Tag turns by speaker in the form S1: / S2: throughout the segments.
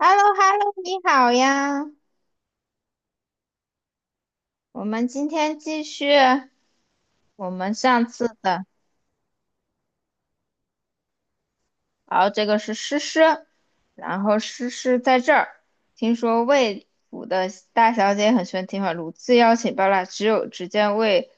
S1: h e l l o h e l l o 你好呀！我们今天继续我们上次的，然后这个是诗诗，然后诗诗在这儿。听说魏府的大小姐很喜欢听话，屡次邀请包揽，只有只见魏，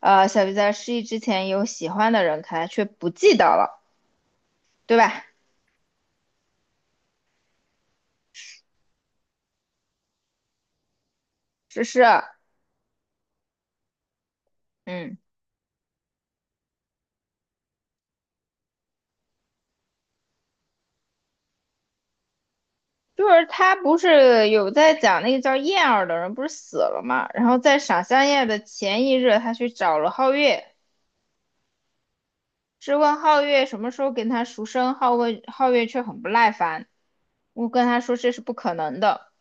S1: 呃，小鱼在失忆之前有喜欢的人，可他却不记得了，对吧？诗诗，嗯，就是他不是有在讲那个叫燕儿的人不是死了嘛，然后在赏香宴的前一日，他去找了皓月。质问皓月什么时候给他赎身，皓问皓月却很不耐烦。我跟他说这是不可能的。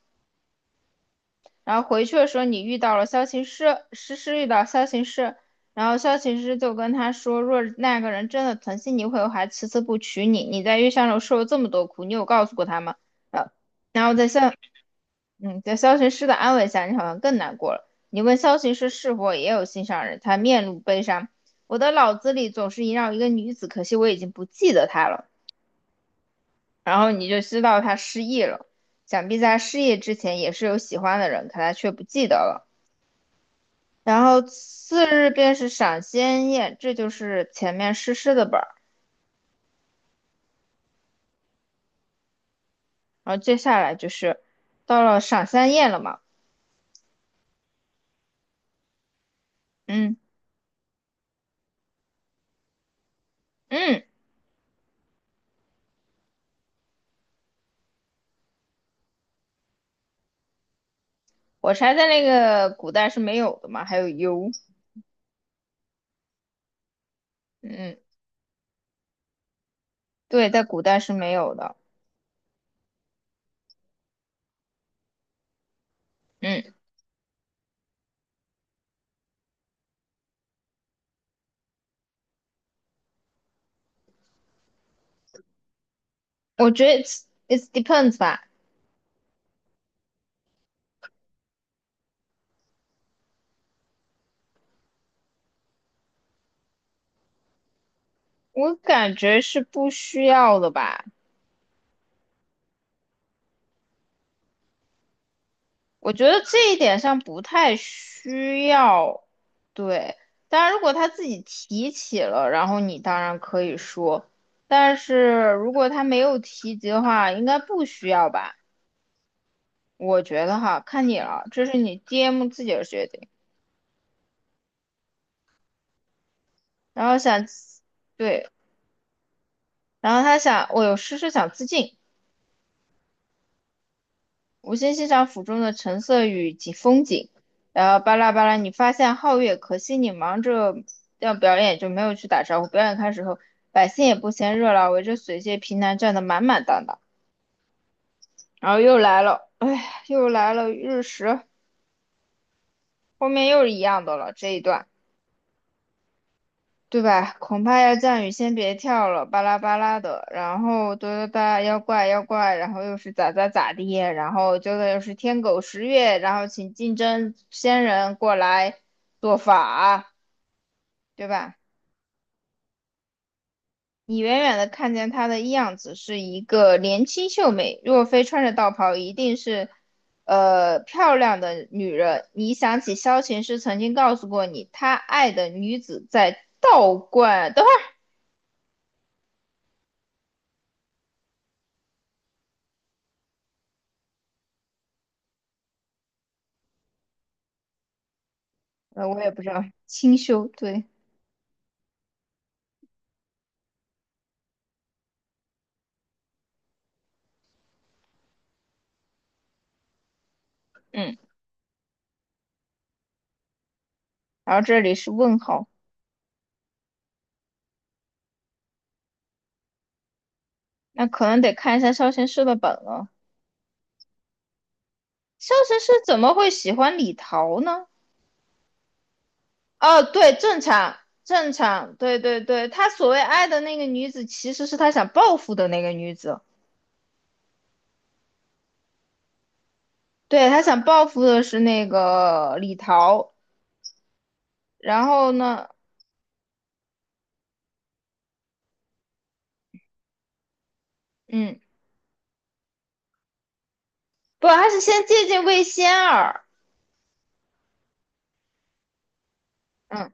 S1: 然后回去的时候，你遇到了萧琴师，诗诗遇到萧琴师，然后萧琴师就跟他说，若那个人真的疼惜你，会还迟迟不娶你。你在月相楼受了这么多苦，你有告诉过他吗？呃，然后在萧琴师的安慰下，你好像更难过了。你问萧琴师是否也有心上人，他面露悲伤。我的脑子里总是萦绕一个女子，可惜我已经不记得她了。然后你就知道他失忆了。想必在他失忆之前也是有喜欢的人，可他却不记得了。然后次日便是赏仙宴，这就是前面诗诗的本儿。然后接下来就是到了赏仙宴了嘛，嗯嗯，我猜在那个古代是没有的嘛，还有油，嗯，对，在古代是没有的，嗯，我觉得 it depends 吧，我感觉是不需要的吧。我觉得这一点上不太需要，对。当然，如果他自己提起了，然后你当然可以说，但是如果他没有提及的话，应该不需要吧？我觉得哈，看你了，这是你 DM 自己的决定。然后想，对，然后他想，我有事是想自尽，无心欣赏府中的橙色与景风景，然后巴拉巴拉，你发现皓月，可惜你忙着要表演，就没有去打招呼。表演开始后，百姓也不嫌热闹，围着水榭平南站得满满当当。然后又来了，哎，又来了日食，后面又是一样的了，这一段。对吧？恐怕要降雨，先别跳了，巴拉巴拉的，然后哒哒哒，妖怪妖怪，然后又是咋咋咋地，然后接着又是天狗食月，然后请竞争仙人过来做法，对吧？你远远的看见她的样子是一个年轻秀美，若非穿着道袍，一定是漂亮的女人。你想起萧琴师曾经告诉过你，她爱的女子在道观，等会儿，我也不知道，清修，对。嗯，然后这里是问号，那可能得看一下萧贤师的本了。萧贤师怎么会喜欢李桃呢？哦，对，正常，正常，对对对，他所谓爱的那个女子，其实是他想报复的那个女子，对，他想报复的是那个李桃，然后呢，嗯，不，他是先接近魏仙儿，嗯，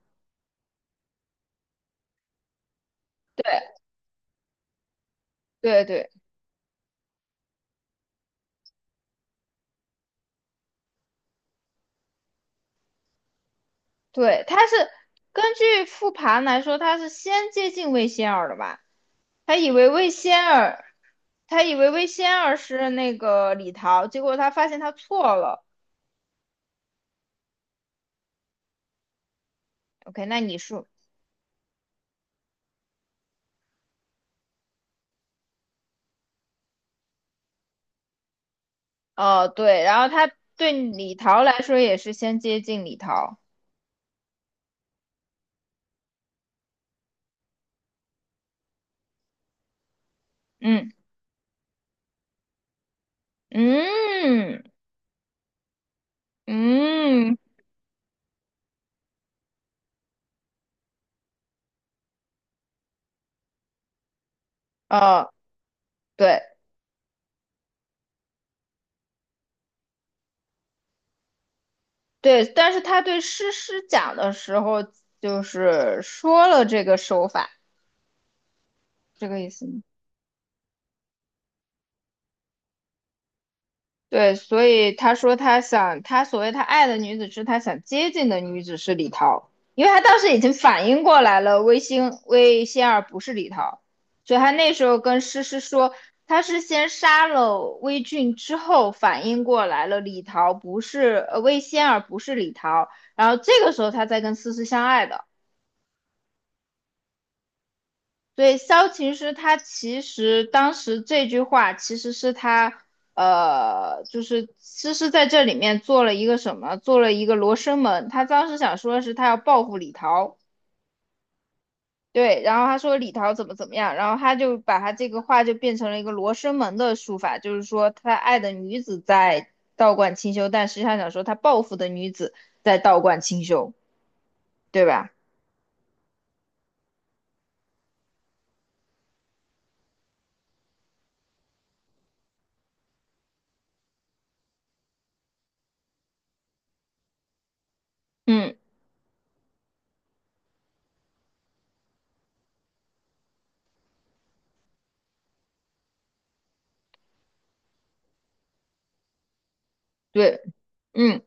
S1: 对对对对，根据复盘来说，他是先接近魏仙儿的吧？他以为魏仙儿，他以为魏仙儿是那个李桃，结果他发现他错了。OK，那你说，哦，对，然后他对李桃来说也是先接近李桃，嗯嗯嗯，哦，对对，但是他对诗诗讲的时候，就是说了这个手法，这个意思吗？对，所以他说他想，他所谓他爱的女子是他想接近的女子是李桃，因为他当时已经反应过来了，魏仙儿不是李桃，所以他那时候跟诗诗说，他是先杀了魏俊之后反应过来了，李桃不是呃魏仙儿不是李桃，然后这个时候他才跟思思相爱的。对，萧琴师他其实当时这句话其实是他，就是诗诗在这里面做了一个什么，做了一个罗生门。他当时想说的是他要报复李桃，对，然后他说李桃怎么怎么样，然后他就把他这个话就变成了一个罗生门的术法，就是说他爱的女子在道观清修，但实际上想说他报复的女子在道观清修，对吧？嗯，对，嗯。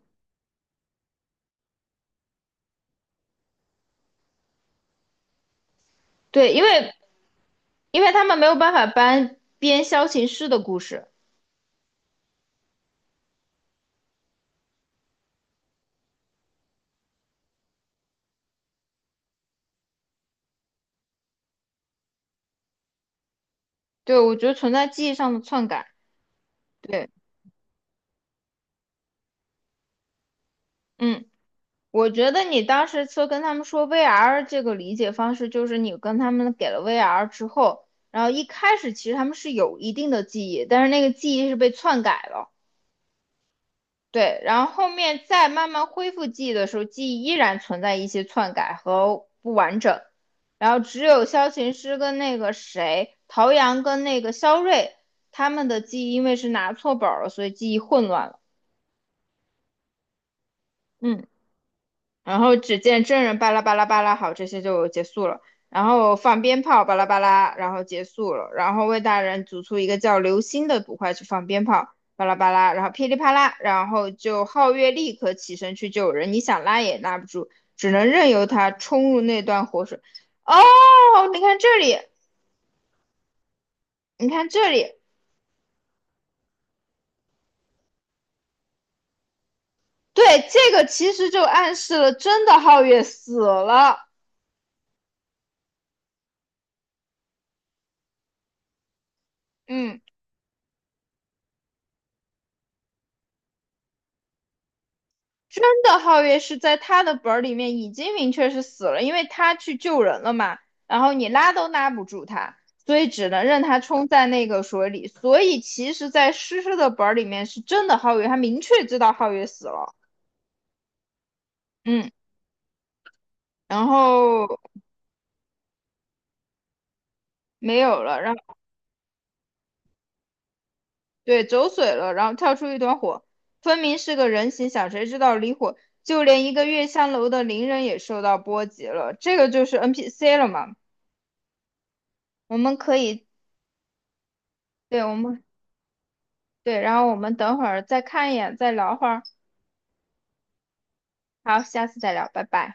S1: 对，因为他们没有办法搬编萧琴师的故事。对，我觉得存在记忆上的篡改。对，嗯，我觉得你当时说跟他们说 VR 这个理解方式，就是你跟他们给了 VR 之后，然后一开始其实他们是有一定的记忆，但是那个记忆是被篡改了。对，然后后面再慢慢恢复记忆的时候，记忆依然存在一些篡改和不完整。然后只有萧琴师跟那个谁，陶阳跟那个肖瑞，他们的记忆因为是拿错本儿了，所以记忆混乱了。嗯。然后只见真人巴拉巴拉巴拉，好，这些就结束了。然后放鞭炮，巴拉巴拉，然后结束了。然后魏大人组出一个叫流星的捕快去放鞭炮，巴拉巴拉，然后噼里啪啦，然后就皓月立刻起身去救人，你想拉也拉不住，只能任由他冲入那段火水。哦，你看这里，你看这里，对，这个其实就暗示了真的皓月死了。嗯。真的，皓月是在他的本儿里面已经明确是死了，因为他去救人了嘛，然后你拉都拉不住他，所以只能任他冲在那个水里。所以其实，在诗诗的本儿里面是真的皓月，他明确知道皓月死了，嗯，然后没有了，然后对走水了，然后跳出一团火，分明是个人形，想谁知道离火，就连一个月香楼的邻人也受到波及了，这个就是 NPC 了嘛，我们可以，对，我们。对，然后我们等会儿再看一眼，再聊会儿。好，下次再聊，拜拜。